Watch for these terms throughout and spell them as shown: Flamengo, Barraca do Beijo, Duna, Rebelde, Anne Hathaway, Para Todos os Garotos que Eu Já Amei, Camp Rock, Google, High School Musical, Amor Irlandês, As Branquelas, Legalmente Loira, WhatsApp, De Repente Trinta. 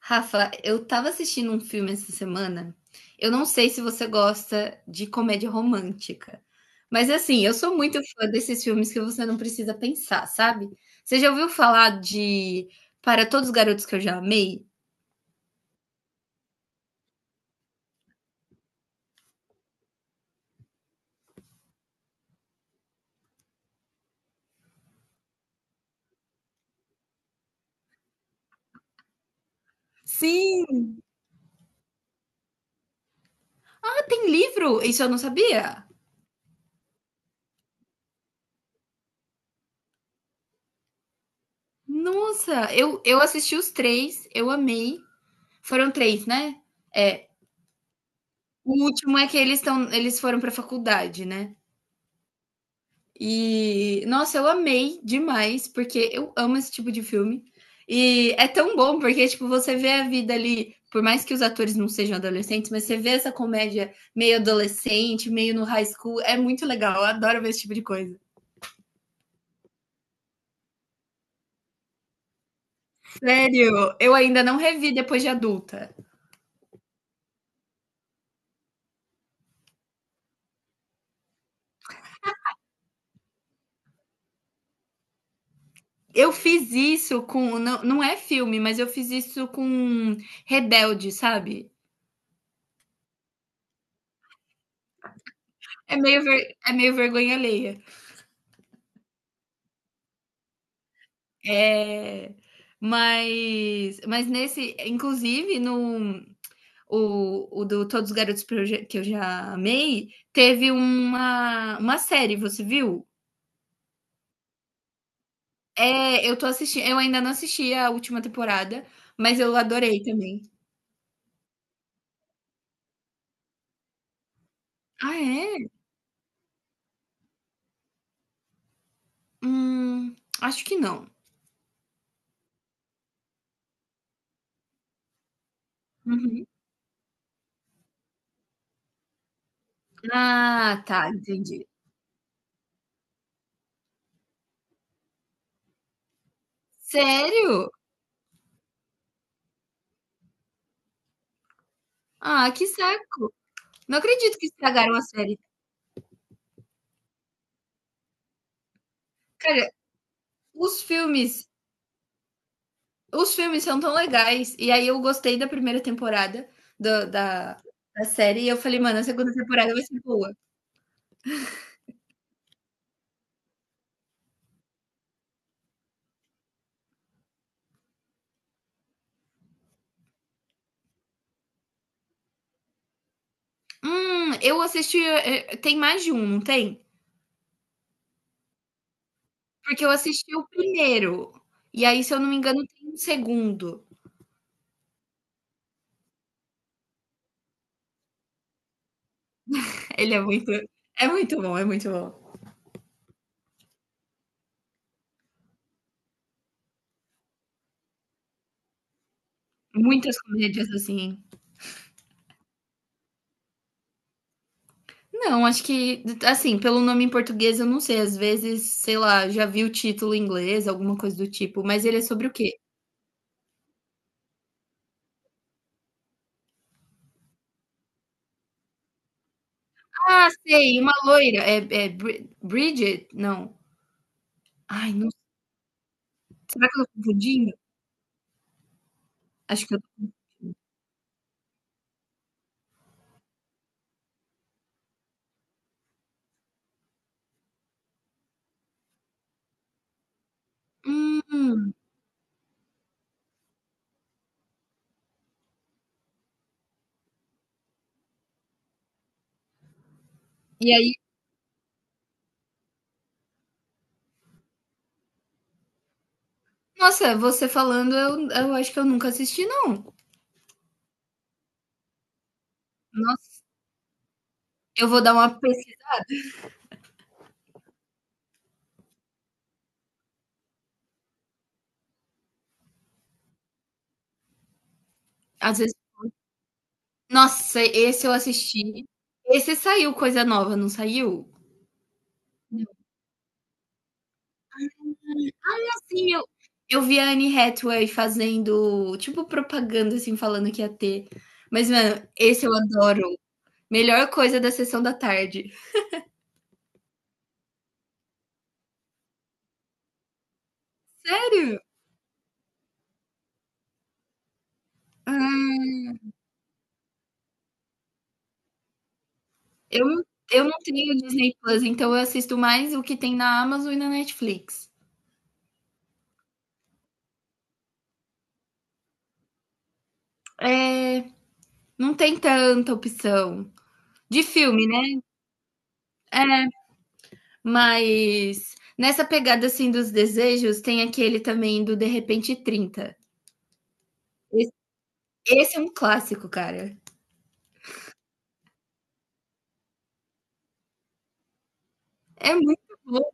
Rafa, eu tava assistindo um filme essa semana. Eu não sei se você gosta de comédia romântica, mas assim, eu sou muito fã desses filmes que você não precisa pensar, sabe? Você já ouviu falar de Para Todos os Garotos que Eu Já Amei? Sim. Ah, tem livro? Isso eu não sabia. Nossa, eu assisti os três, eu amei. Foram três, né? É. O último é que eles estão, eles foram pra faculdade, né? E, nossa, eu amei demais, porque eu amo esse tipo de filme. E é tão bom, porque, tipo, você vê a vida ali, por mais que os atores não sejam adolescentes, mas você vê essa comédia meio adolescente, meio no high school, é muito legal, eu adoro ver esse tipo de coisa. Sério, eu ainda não revi depois de adulta. Eu fiz isso com, não, não é filme, mas eu fiz isso com Rebelde, sabe? É meio vergonha alheia. É, mas nesse, inclusive, no o do Todos os Garotos que eu já amei, teve uma série, você viu? É, eu tô assistindo, eu ainda não assisti a última temporada, mas eu adorei também. Ah, é? Hum, acho que não. Uhum. Ah, tá, entendi. Sério? Ah, que saco. Não acredito que estragaram a série. Cara, os filmes os filmes são tão legais. E aí eu gostei da primeira temporada do- da, da série. E eu falei, mano, a segunda temporada vai ser boa. Eu assisti. Tem mais de um, não tem? Porque eu assisti o primeiro. E aí, se eu não me engano, tem um segundo. Ele é muito. É muito bom, é muito bom. Muitas comédias assim. Não, acho que, assim, pelo nome em português, eu não sei. Às vezes, sei lá, já vi o título em inglês, alguma coisa do tipo. Mas ele é sobre o quê? Ah, sei, uma loira. É Bridget? Não. Ai, não, será que eu tô confundindo? Acho que eu. Hum. E aí, nossa, você falando, eu acho que eu nunca assisti não. Nossa, eu vou dar uma pesqui às vezes. Nossa, esse eu assisti. Esse saiu coisa nova, não saiu? Sim, eu vi a Anne Hathaway fazendo, tipo, propaganda, assim, falando que ia ter. Mas, mano, esse eu adoro. Melhor coisa da sessão da tarde. Sério? Ah. Eu não eu não tenho Disney Plus, então eu assisto mais o que tem na Amazon e na Netflix. É, não tem tanta opção. De filme, né? É, mas nessa pegada assim dos desejos, tem aquele também do De Repente 30. Esse, esse é um clássico, cara. É muito bom.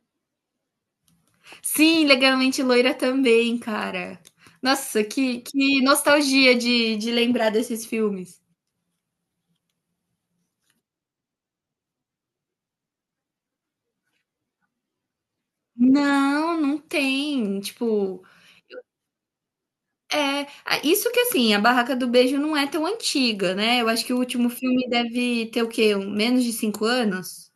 Sim, Legalmente Loira também, cara. Nossa, que nostalgia de, lembrar desses filmes. Não, não tem. Tipo, isso que assim, a Barraca do Beijo não é tão antiga, né? Eu acho que o último filme deve ter o quê? Menos de 5 anos?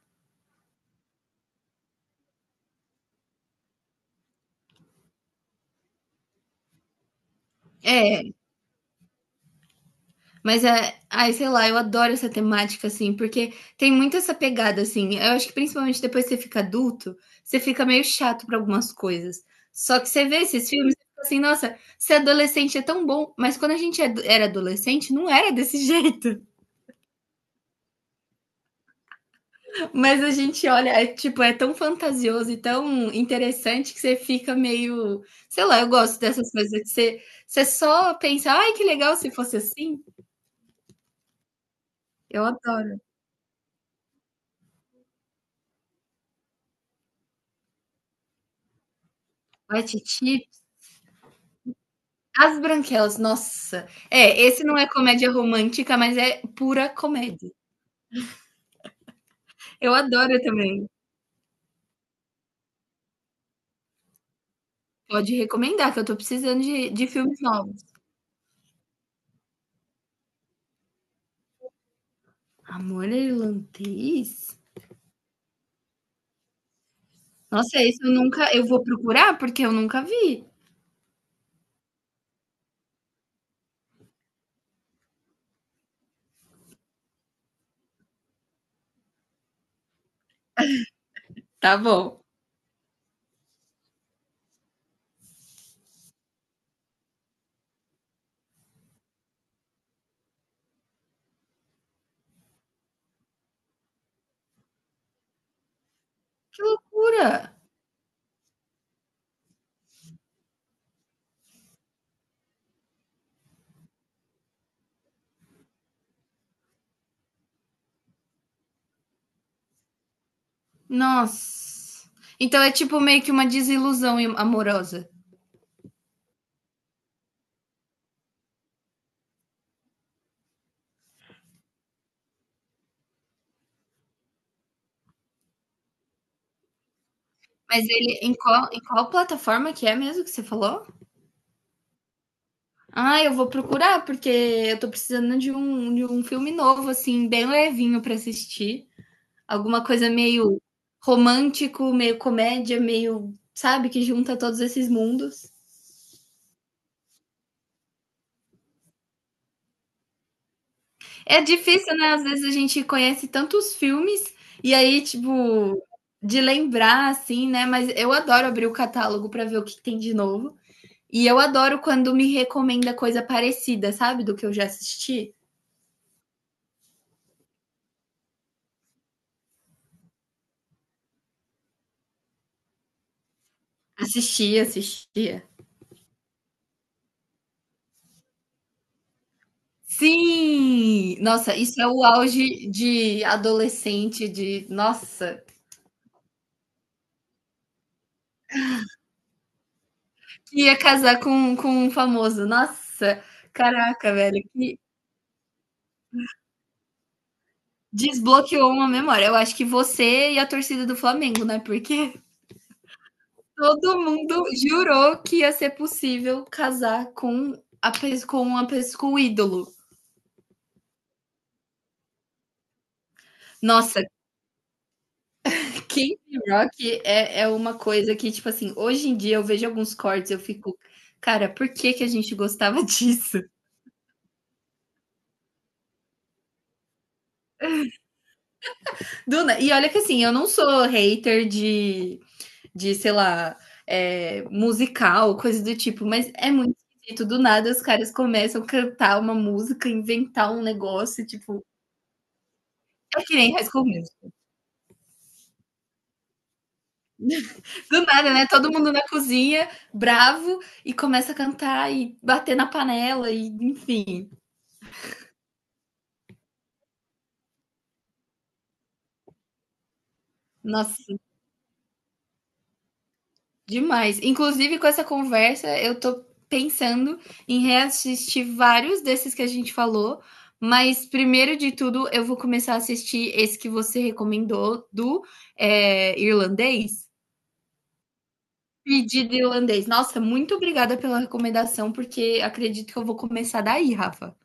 É, mas é, ai, sei lá, eu adoro essa temática, assim, porque tem muito essa pegada, assim. Eu acho que principalmente depois que você fica adulto, você fica meio chato para algumas coisas. Só que você vê esses filmes e fica assim, nossa, ser adolescente é tão bom, mas quando a gente era adolescente, não era desse jeito. Mas a gente olha, é, tipo, é tão fantasioso e tão interessante que você fica meio. Sei lá, eu gosto dessas coisas que você, você só pensa, ai, que legal se fosse assim. Eu adoro. Ai, Titi. As Branquelas, nossa. É, esse não é comédia romântica, mas é pura comédia. Eu adoro também. Pode recomendar, que eu tô precisando de filmes novos. Amor Irlandês? Nossa, esse eu nunca. Eu vou procurar porque eu nunca vi. Tá bom. Que loucura! Nossa. Então é tipo meio que uma desilusão amorosa. Mas ele, em qual plataforma que é mesmo que você falou? Ah, eu vou procurar, porque eu tô precisando de um filme novo, assim, bem levinho pra assistir. Alguma coisa meio romântico, meio comédia, meio, sabe, que junta todos esses mundos. É difícil, né? Às vezes a gente conhece tantos filmes e aí, tipo, de lembrar, assim, né? Mas eu adoro abrir o catálogo pra ver o que tem de novo. E eu adoro quando me recomenda coisa parecida, sabe? Do que eu já assisti. Assistia, assistia. Sim! Nossa, isso é o auge de adolescente, de. Nossa! Que ia casar com, um famoso. Nossa! Caraca, velho, que desbloqueou uma memória. Eu acho que você e a torcida do Flamengo, né? Porque todo mundo jurou que ia ser possível casar com um ídolo. Nossa, Camp Rock é uma coisa que, tipo assim, hoje em dia eu vejo alguns cortes, eu fico, cara, por que que a gente gostava disso? Duna, e olha que assim, eu não sou hater de sei lá, musical, coisa do tipo, mas é muito esquisito. Do nada os caras começam a cantar uma música, inventar um negócio, tipo. É que nem High School Musical. Do nada, né? Todo mundo na cozinha, bravo, e começa a cantar e bater na panela, e enfim. Nossa. Demais. Inclusive, com essa conversa, eu tô pensando em reassistir vários desses que a gente falou, mas primeiro de tudo, eu vou começar a assistir esse que você recomendou do, irlandês. Pedido irlandês. Nossa, muito obrigada pela recomendação, porque acredito que eu vou começar daí, Rafa.